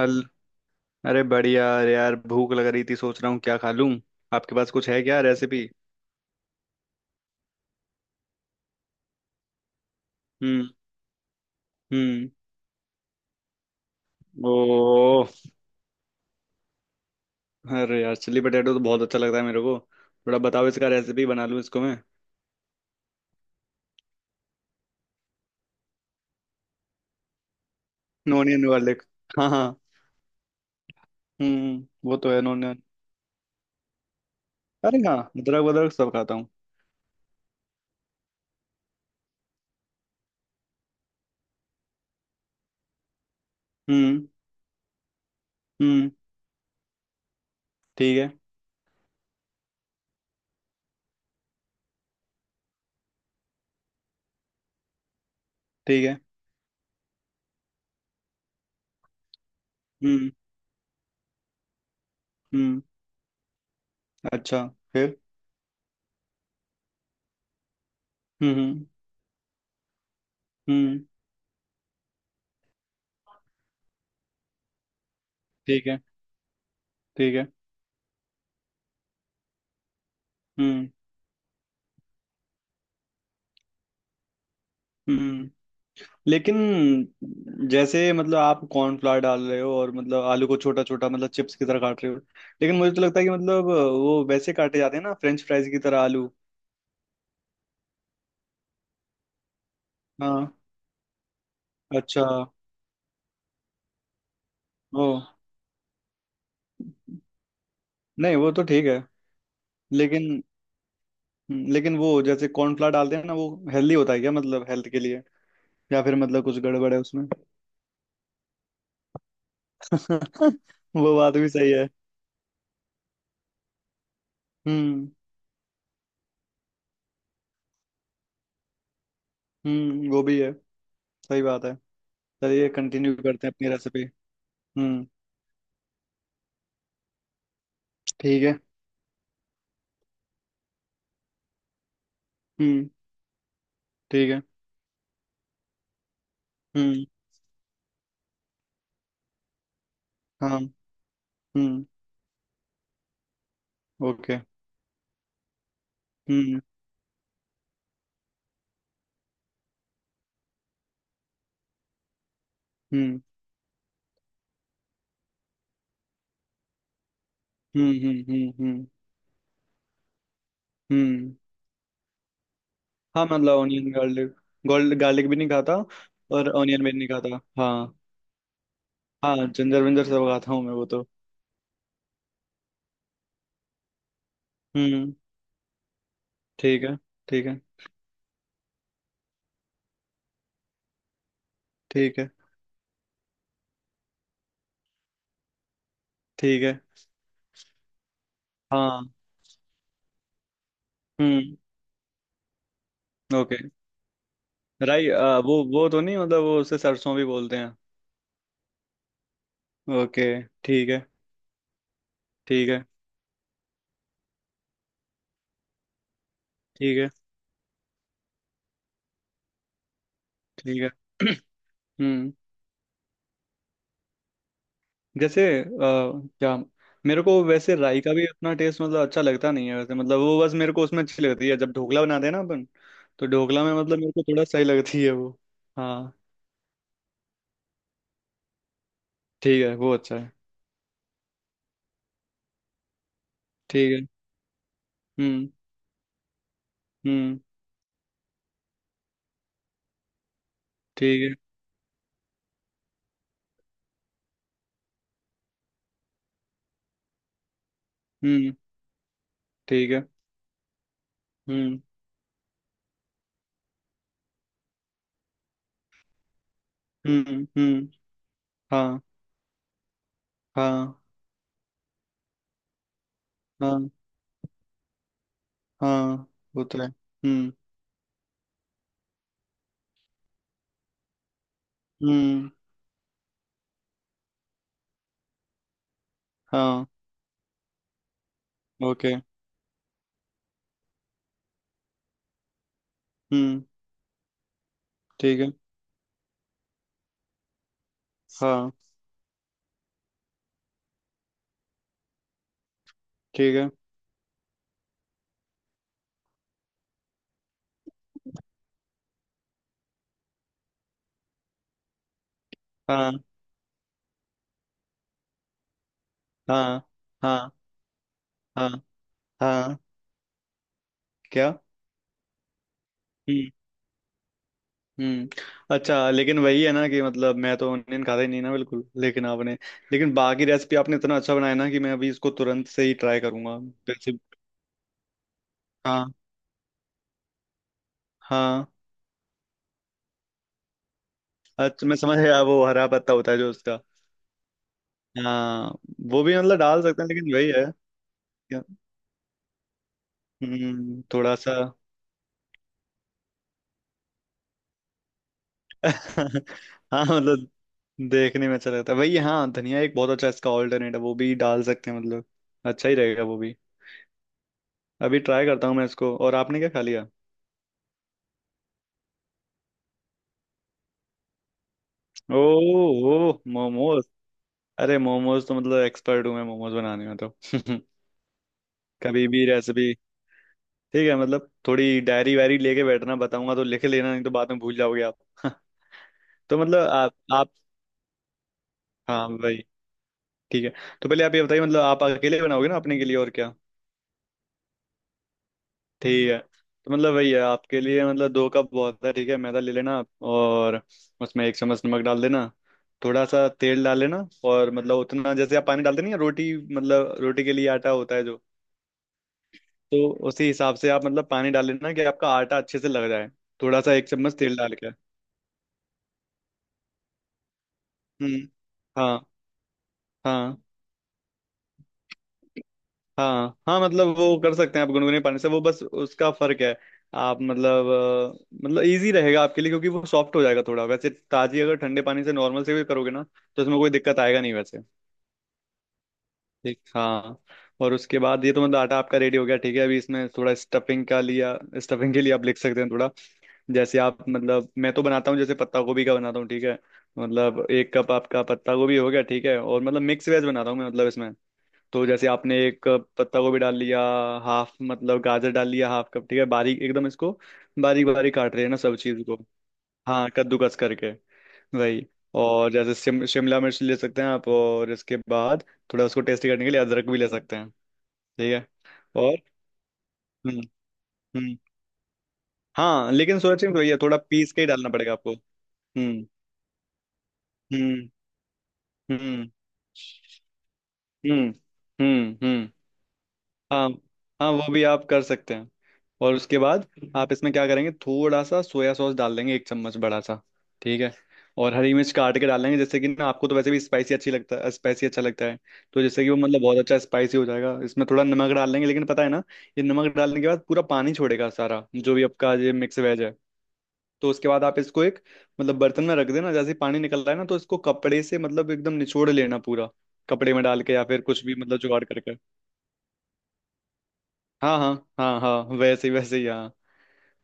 हल। अरे बढ़िया, अरे यार भूख लग रही थी, सोच रहा हूँ क्या खा लूँ। आपके पास कुछ है क्या रेसिपी? हम्म। हम्म। ओ। अरे यार चिल्ली पटेटो तो बहुत अच्छा लगता है मेरे को। थोड़ा बताओ, इसका रेसिपी बना लूँ इसको मैं। नॉन वाले। हाँ हाँ। हम्म, वो तो है नॉन। अरे हाँ, अदरक वदरक सब खाता हूँ। हम्म। हम्म। ठीक है। ठीक है। हम्म। हम्म। अच्छा। फिर? हम्म। हम्म। हम्म, ठीक है। ठीक है। हम्म। हम्म। लेकिन जैसे मतलब आप कॉर्नफ्लावर डाल रहे हो और मतलब आलू को छोटा छोटा मतलब चिप्स की तरह काट रहे हो। लेकिन मुझे तो लगता है कि मतलब वो वैसे काटे जाते हैं ना फ्रेंच फ्राइज की तरह आलू। हाँ। अच्छा। ओ। नहीं वो तो ठीक है। लेकिन लेकिन वो जैसे कॉर्नफ्लावर डालते हैं ना, वो हेल्दी होता है क्या मतलब हेल्थ के लिए? या फिर मतलब कुछ गड़बड़ है उसमें? वो बात भी सही है। हम्म। हम्म, वो भी है। सही बात है। चलिए कंटिन्यू करते हैं अपनी रेसिपी। हम्म। ठीक है। हम्म। ठीक है। हम्म। हाँ। हम्म। ओके। हम्म। हम्म। हम्म। हम्म। हम्म। हम्म। हम्म। हाँ मतलब ऑनियन गार्लिक, गोल्ड गार्लिक भी नहीं खाता। और ऑनियन भी नहीं खाता, हाँ। हाँ जिंजर विंजर सब खाता हूँ मैं वो तो। हम्म। ठीक है। ठीक है। ठीक है। ठीक है। हाँ। हम्म। ओके। राई वो तो नहीं, मतलब वो उसे सरसों भी बोलते हैं। ओके। ठीक है। ठीक है। ठीक है। ठीक है। हम्म। जैसे क्या, मेरे को वैसे राई का भी उतना टेस्ट मतलब अच्छा लगता नहीं है वैसे, मतलब वो बस मेरे को उसमें अच्छी लगती है जब ढोकला बनाते हैं ना अपन। तो ढोकला में मतलब मेरे को थोड़ा सही लगती है वो। हाँ। ठीक है, वो अच्छा है। ठीक है। हम्म। हम्म। ठीक है। हम्म। ठीक है। हम्म। हम्म। हम्म। हाँ हाँ हाँ हाँ, वो तो है। हम्म। हम्म। हाँ। ओके। हम्म। ठीक है। हाँ। ठीक है। हाँ हाँ हाँ हाँ हाँ। क्या? हम्म, हम्म। अच्छा लेकिन वही है ना कि मतलब मैं तो ऑनियन खाता ही नहीं ना बिल्कुल, लेकिन आपने, लेकिन बाकी रेसिपी आपने इतना अच्छा बनाया ना कि मैं अभी इसको तुरंत से ही ट्राई करूंगा। जैसे, हाँ। हाँ, अच्छा मैं समझ गया, वो हरा पत्ता होता है जो उसका। हाँ। वो भी मतलब डाल सकते हैं, लेकिन वही है। क्या- हम्म, थोड़ा सा। हाँ मतलब देखने में अच्छा लगता है वही, हाँ। धनिया एक बहुत अच्छा इसका ऑल्टरनेट है, वो भी डाल सकते हैं मतलब। अच्छा ही रहेगा वो भी। अभी ट्राई करता हूँ मैं इसको। और आपने क्या खा लिया? ओ। ओ। मोमो। अरे मोमोज तो मतलब एक्सपर्ट हूँ मैं मोमोज बनाने में तो। कभी भी रेसिपी। ठीक है, मतलब थोड़ी डायरी वायरी लेके बैठना, बताऊंगा तो लिख लेना, नहीं तो बाद में भूल जाओगे आप। तो मतलब आप। हाँ भाई। ठीक है। तो पहले आप ये बताइए, मतलब आप अकेले बनाओगे ना अपने के लिए, और क्या? ठीक है। तो मतलब वही है, आपके लिए मतलब दो कप बहुत है। ठीक है, मैदा ले लेना आप, और उसमें एक चम्मच नमक डाल देना। थोड़ा सा तेल डाल लेना, और मतलब उतना जैसे आप पानी डालते नहीं हैं, रोटी मतलब रोटी के लिए आटा होता है जो, तो उसी हिसाब से आप मतलब पानी डाल लेना कि आपका आटा अच्छे से लग जाए। थोड़ा सा एक चम्मच तेल डाल के। हम्म। हाँ हाँ। हाँ हाँ मतलब वो कर सकते हैं आप गुनगुने पानी से, वो बस उसका फर्क है। आप मतलब मतलब इजी रहेगा आपके लिए क्योंकि वो सॉफ्ट हो जाएगा थोड़ा। वैसे ताजी अगर ठंडे पानी से नॉर्मल से भी करोगे ना, तो उसमें कोई दिक्कत आएगा नहीं वैसे। ठीक, हाँ। और उसके बाद ये तो मतलब आटा आपका रेडी हो गया। ठीक है, अभी इसमें थोड़ा स्टफिंग का लिया। स्टफिंग के लिए आप लिख सकते हैं थोड़ा, जैसे आप मतलब मैं तो बनाता हूँ, जैसे पत्ता गोभी का बनाता हूँ। ठीक है, मतलब एक कप आपका पत्ता गोभी हो गया। ठीक है, और मतलब मिक्स वेज बनाता हूँ मैं मतलब इसमें। तो जैसे आपने एक कप पत्ता गोभी डाल लिया, हाफ मतलब गाजर डाल लिया हाफ कप, ठीक है, बारीक एकदम इसको, बारीक बारीक काट रहे हैं ना सब चीज को। हाँ कद्दूकस करके। वही। और जैसे शिमला मिर्च ले सकते हैं आप, और इसके बाद थोड़ा उसको टेस्टी करने के लिए अदरक भी ले सकते हैं। ठीक है। और हम्म। हम्म। हाँ लेकिन सोया चंक्स वही है, थोड़ा पीस के ही डालना पड़ेगा आपको। हम्म। हम्म। हम्म। हम्म। हम्म। हम्म। हाँ। हाँ, वो भी आप कर सकते हैं। और उसके बाद आप इसमें क्या करेंगे, थोड़ा सा सोया सॉस डाल देंगे एक चम्मच बड़ा सा। ठीक है। और हरी मिर्च काट के डाल देंगे। जैसे कि ना आपको तो वैसे भी स्पाइसी अच्छी लगता है, स्पाइसी अच्छा लगता है, तो जैसे कि वो मतलब बहुत अच्छा स्पाइसी हो जाएगा। इसमें थोड़ा नमक डाल देंगे, लेकिन पता है ना ये नमक डालने के बाद पूरा पानी छोड़ेगा, सारा जो भी आपका ये मिक्स वेज है। तो उसके बाद आप इसको एक मतलब बर्तन में रख देना, जैसे ही पानी निकल रहा है ना तो इसको कपड़े से मतलब एकदम निचोड़ लेना पूरा, कपड़े में डाल के या फिर कुछ भी मतलब जुगाड़ करके। हाँ हाँ हाँ हाँ, वैसे ही वैसे ही, हाँ।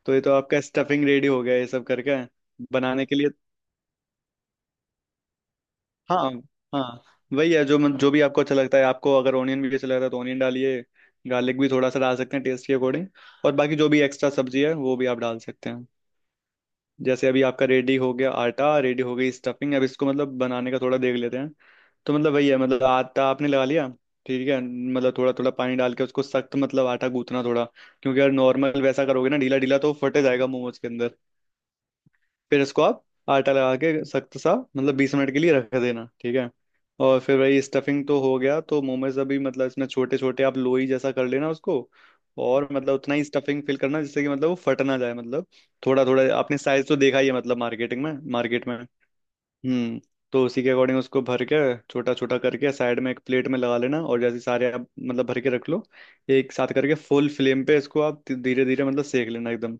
तो ये तो आपका स्टफिंग रेडी हो गया ये सब करके बनाने के लिए। हाँ हाँ। हाँ। वही है, जो जो भी आपको अच्छा लगता है, आपको अगर ऑनियन भी अच्छा लगता है तो ऑनियन डालिए। गार्लिक भी थोड़ा सा डाल सकते हैं टेस्ट के अकॉर्डिंग। और बाकी जो भी एक्स्ट्रा सब्जी है वो भी आप डाल सकते हैं। जैसे अभी आपका रेडी हो गया आटा, रेडी हो गई स्टफिंग, अब इसको मतलब बनाने का थोड़ा देख लेते हैं। तो मतलब वही है, मतलब आटा आपने लगा लिया, ठीक है, मतलब थोड़ा थोड़ा पानी डाल के उसको सख्त मतलब आटा गूंथना थोड़ा, क्योंकि अगर नॉर्मल वैसा करोगे ना ढीला ढीला तो फटे जाएगा मोमोज के अंदर। फिर इसको आप आटा लगा के सख्त सा मतलब 20 मिनट के लिए रख देना। ठीक है। और फिर वही स्टफिंग तो हो गया, तो मोमोज अभी मतलब इसमें छोटे छोटे आप लोई जैसा कर लेना उसको, और मतलब उतना ही स्टफिंग फिल करना जिससे कि मतलब वो फट ना जाए मतलब। थोड़ा थोड़ा आपने साइज तो देखा ही है मतलब मार्केटिंग में, मार्केट में। हम्म। तो उसी के अकॉर्डिंग उसको भर के छोटा छोटा करके साइड में एक प्लेट में लगा लेना, और जैसे सारे आप मतलब भर के रख लो एक साथ करके, फुल फ्लेम पे इसको आप धीरे धीरे मतलब सेक लेना। एकदम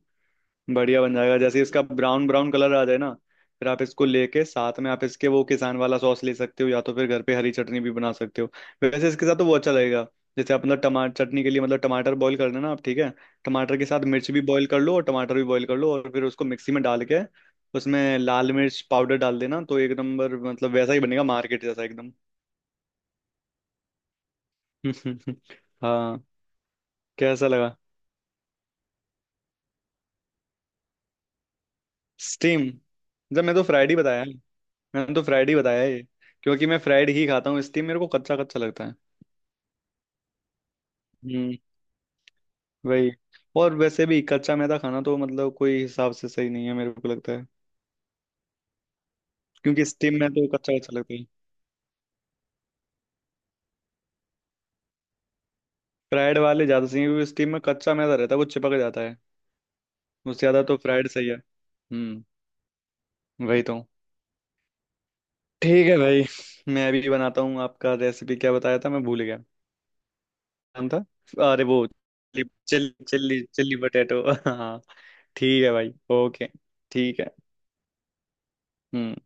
बढ़िया बन जाएगा, जैसे इसका ब्राउन ब्राउन कलर आ जाए ना। फिर आप इसको लेके साथ में आप इसके वो किसान वाला सॉस ले सकते हो, या तो फिर घर पे हरी चटनी भी बना सकते हो, वैसे इसके साथ तो वो अच्छा लगेगा। जैसे आप मतलब टमाटर चटनी के लिए मतलब टमाटर बॉईल करना ना आप, ठीक है, टमाटर के साथ मिर्च भी बॉईल कर लो और टमाटर भी बॉईल कर लो, और फिर उसको मिक्सी में डाल के उसमें लाल मिर्च पाउडर डाल देना, तो एक नंबर मतलब वैसा ही बनेगा मार्केट जैसा एकदम। हाँ। कैसा लगा? स्टीम, जब मैं तो फ्राइड ही बताया, मैंने तो फ्राइड ही बताया ये, क्योंकि मैं फ्राइड ही खाता हूँ इसलिए मेरे को कच्चा कच्चा लगता है। हम्म। वही। और वैसे भी कच्चा मैदा खाना तो मतलब कोई हिसाब से सही नहीं है मेरे को लगता है, क्योंकि स्टीम में तो कच्चा कच्चा लगता है। फ्राइड वाले ज्यादा सही है क्योंकि स्टीम में कच्चा मैदा रहता है, वो चिपक जाता है, उससे ज्यादा तो फ्राइड सही है। हम्म। वही तो। ठीक है भाई। मैं भी बनाता हूँ आपका रेसिपी। क्या बताया था मैं भूल गया नाम था। अरे वो chilli chilli chilli chilli potato. हाँ। ठीक है भाई, ओके। ठीक है। हम्म।